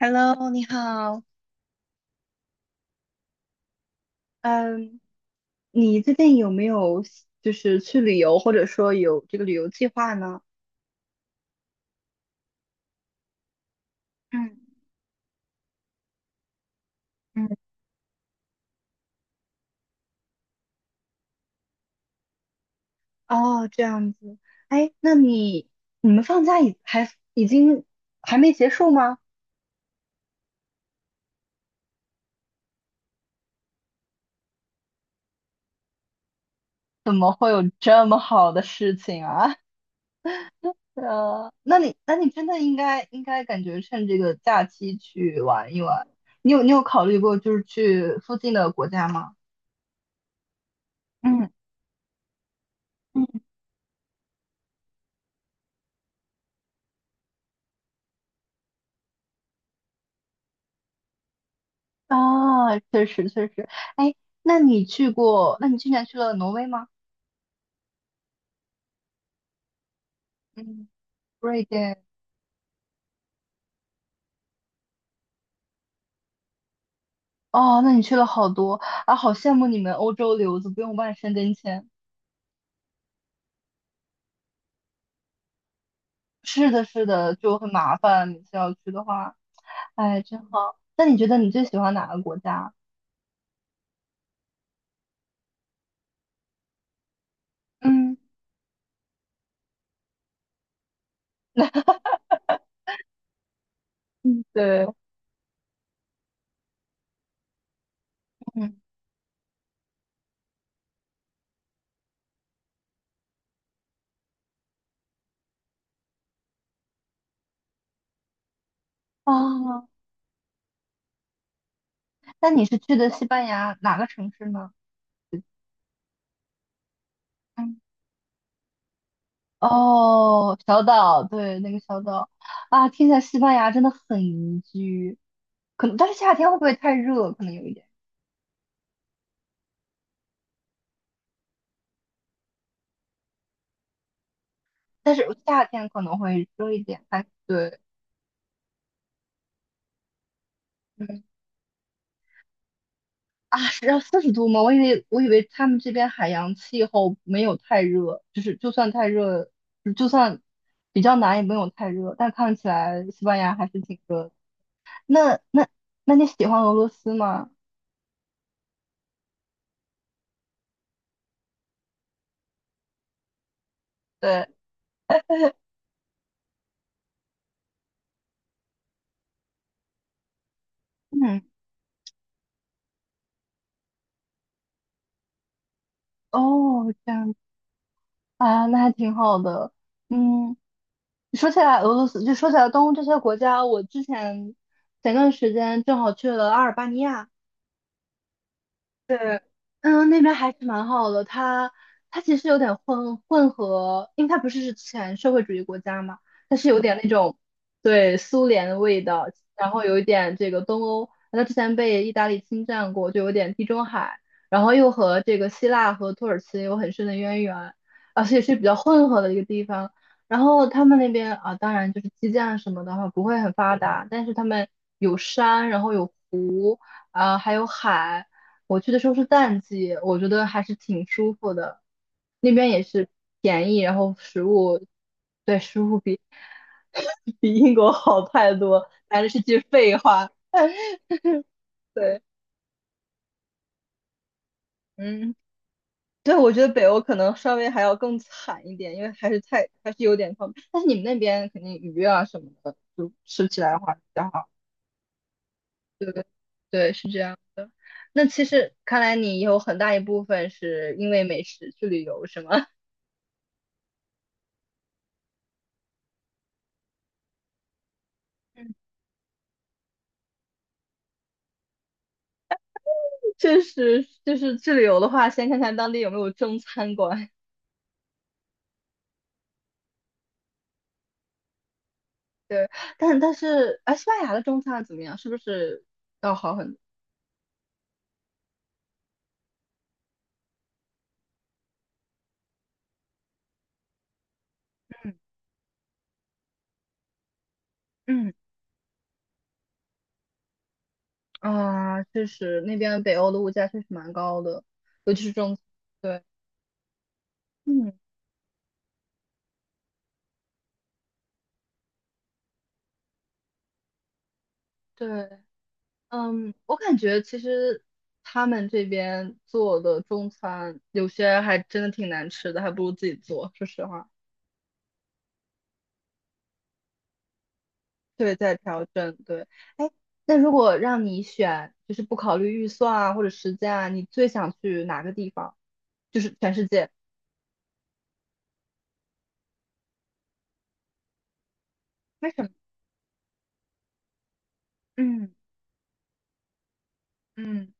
Hello，你好。嗯，你最近有没有就是去旅游，或者说有这个旅游计划呢？嗯嗯，哦，这样子。哎，你们放假已经还没结束吗？这么好的事情啊。那你真的应该感觉趁这个假期去玩一玩。你有考虑过就是去附近的国家吗？嗯嗯，啊，确实确实，哎，那你去过？那你去年去了挪威吗？嗯，瑞典。哦，那你去了好多啊，好羡慕你们欧洲留子不用办申根签。是的，是的，就很麻烦，每次要去的话，哎，真好。那你觉得你最喜欢哪个国家？嗯，对，嗯，哦，那你是去的西班牙哪个城市呢？嗯。哦，小岛，对，那个小岛啊，听起来西班牙真的很宜居，可能，但是夏天会不会太热？可能有一点，但是夏天可能会热一点，但对，嗯是要40度吗？我以为他们这边海洋气候没有太热，就是就算太热，就算比较难也没有太热，但看起来西班牙还是挺热的。那那那你喜欢俄罗斯吗？对，嗯，哦，这样。啊，那还挺好的。嗯，说起来俄罗斯，就说起来东欧这些国家，我之前前段时间正好去了阿尔巴尼亚，对，嗯，那边还是蛮好的。它其实有点混合，因为它不是之前社会主义国家嘛，它是有点那种对苏联的味道，然后有一点这个东欧，它之前被意大利侵占过，就有点地中海，然后又和这个希腊和土耳其有很深的渊源，而且是比较混合的一个地方。然后他们那边啊，当然就是基建什么的话不会很发达，但是他们有山，然后有湖，啊、还有海。我去的时候是淡季，我觉得还是挺舒服的。那边也是便宜，然后食物，对，食物比 比英国好太多，但是是句废话。对，嗯，对，我觉得北欧可能稍微还要更惨一点，因为还是有点方便但是你们那边肯定鱼啊什么的，就吃起来的话比较好。对对对，是这样的。那其实看来你有很大一部分是因为美食去旅游，是吗？确实，就是去旅游的话，先看看当地有没有中餐馆。对，但是，哎，西班牙的中餐怎么样？是不是要好很多？嗯，啊，确实，那边北欧的物价确实蛮高的，尤其是中餐。对，嗯，对，嗯，我感觉其实他们这边做的中餐有些还真的挺难吃的，还不如自己做。说实话。对，在调整，对。哎，那如果让你选，就是不考虑预算啊或者时间啊，你最想去哪个地方？就是全世界？为什么？嗯嗯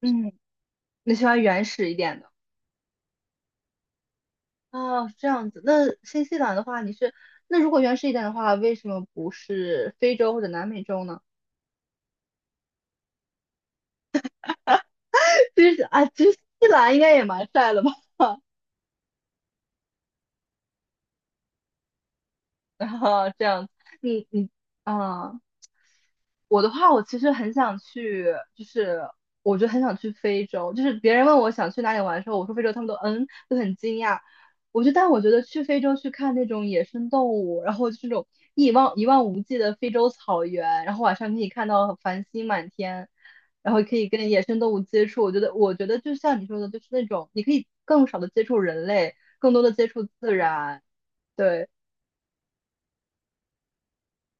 嗯，你喜欢原始一点的？哦，这样子。那新西兰的话，你是，那如果原始一点的话，为什么不是非洲或者南美洲呢？其实新西兰应该也蛮帅的吧？然后这样子，你啊。我的话，我其实很想去，就是我就很想去非洲。就是别人问我想去哪里玩的时候，我说非洲，他们都很惊讶。但我觉得去非洲去看那种野生动物，然后就是那种一望无际的非洲草原，然后晚上可以看到繁星满天，然后可以跟野生动物接触。我觉得就像你说的，就是那种你可以更少的接触人类，更多的接触自然。对。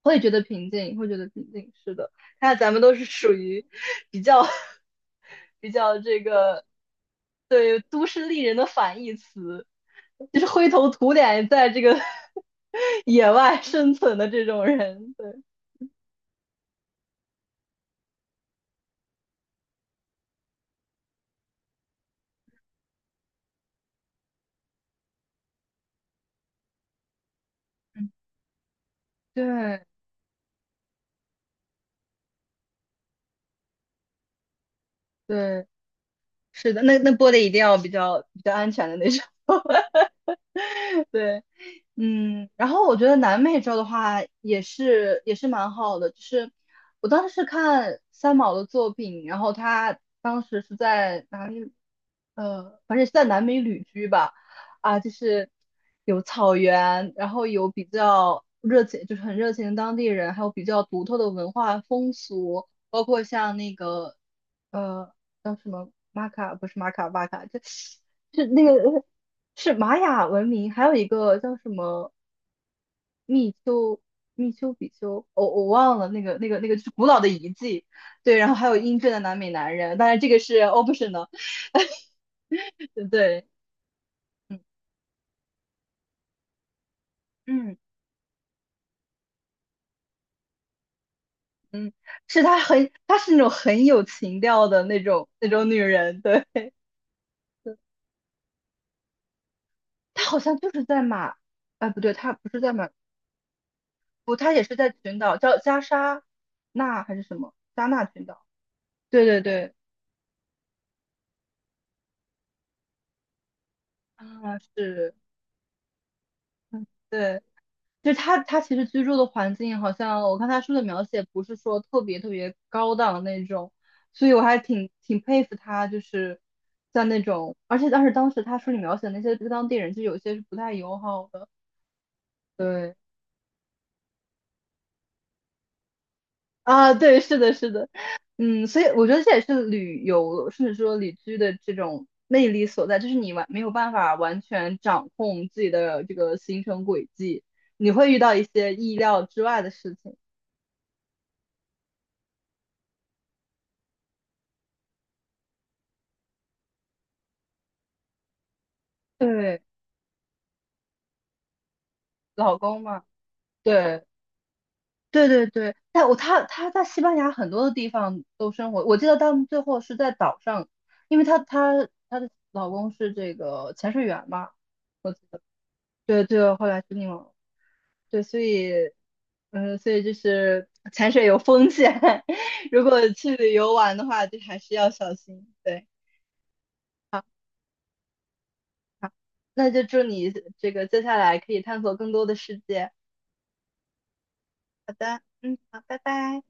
会觉得平静，会觉得平静。是的，看来咱们都是属于比较 比较这个对都市丽人的反义词，就是灰头土脸在这个 野外生存的这种人。对对对，是的，那播的一定要比较安全的那种。对。然后我觉得南美洲的话也是蛮好的，就是我当时是看三毛的作品，然后他当时是在哪里？反正是在南美旅居吧，啊，就是有草原，然后有比较热情，就是很热情的当地人，还有比较独特的文化风俗，包括像那个呃叫什么玛卡，不是玛卡巴卡，这是玛雅文明，还有一个叫什么密丘密丘比丘，我忘了那个就是古老的遗迹，对，然后还有英俊的南美男人，当然这个是 optional，对对，嗯嗯嗯，她是那种很有情调的那种女人，对，她好像就是在马，哎不对，她不是在马，不，她也是在群岛叫加沙那还是什么加纳群岛，对对对。啊，是，对，就是他其实居住的环境，好像我看他书的描写不是说特别特别高档那种，所以我还挺佩服他，就是像那种，而且当时他书里描写的那些当地人，就有些是不太友好的，对，啊，对，是的，是的，所以我觉得这也是旅游，甚至说旅居的这种魅力所在，就是你没有办法完全掌控自己的这个行程轨迹，你会遇到一些意料之外的事情。对，老公嘛，对，对对对，但他在西班牙很多的地方都生活，我记得他们最后是在岛上，因为他的老公是这个潜水员嘛，我记得，对对，后来是那种，对，所以就是潜水有风险，如果去旅游玩的话，就还是要小心，对，好，好，那就祝你这个接下来可以探索更多的世界，好的，嗯，好，拜拜。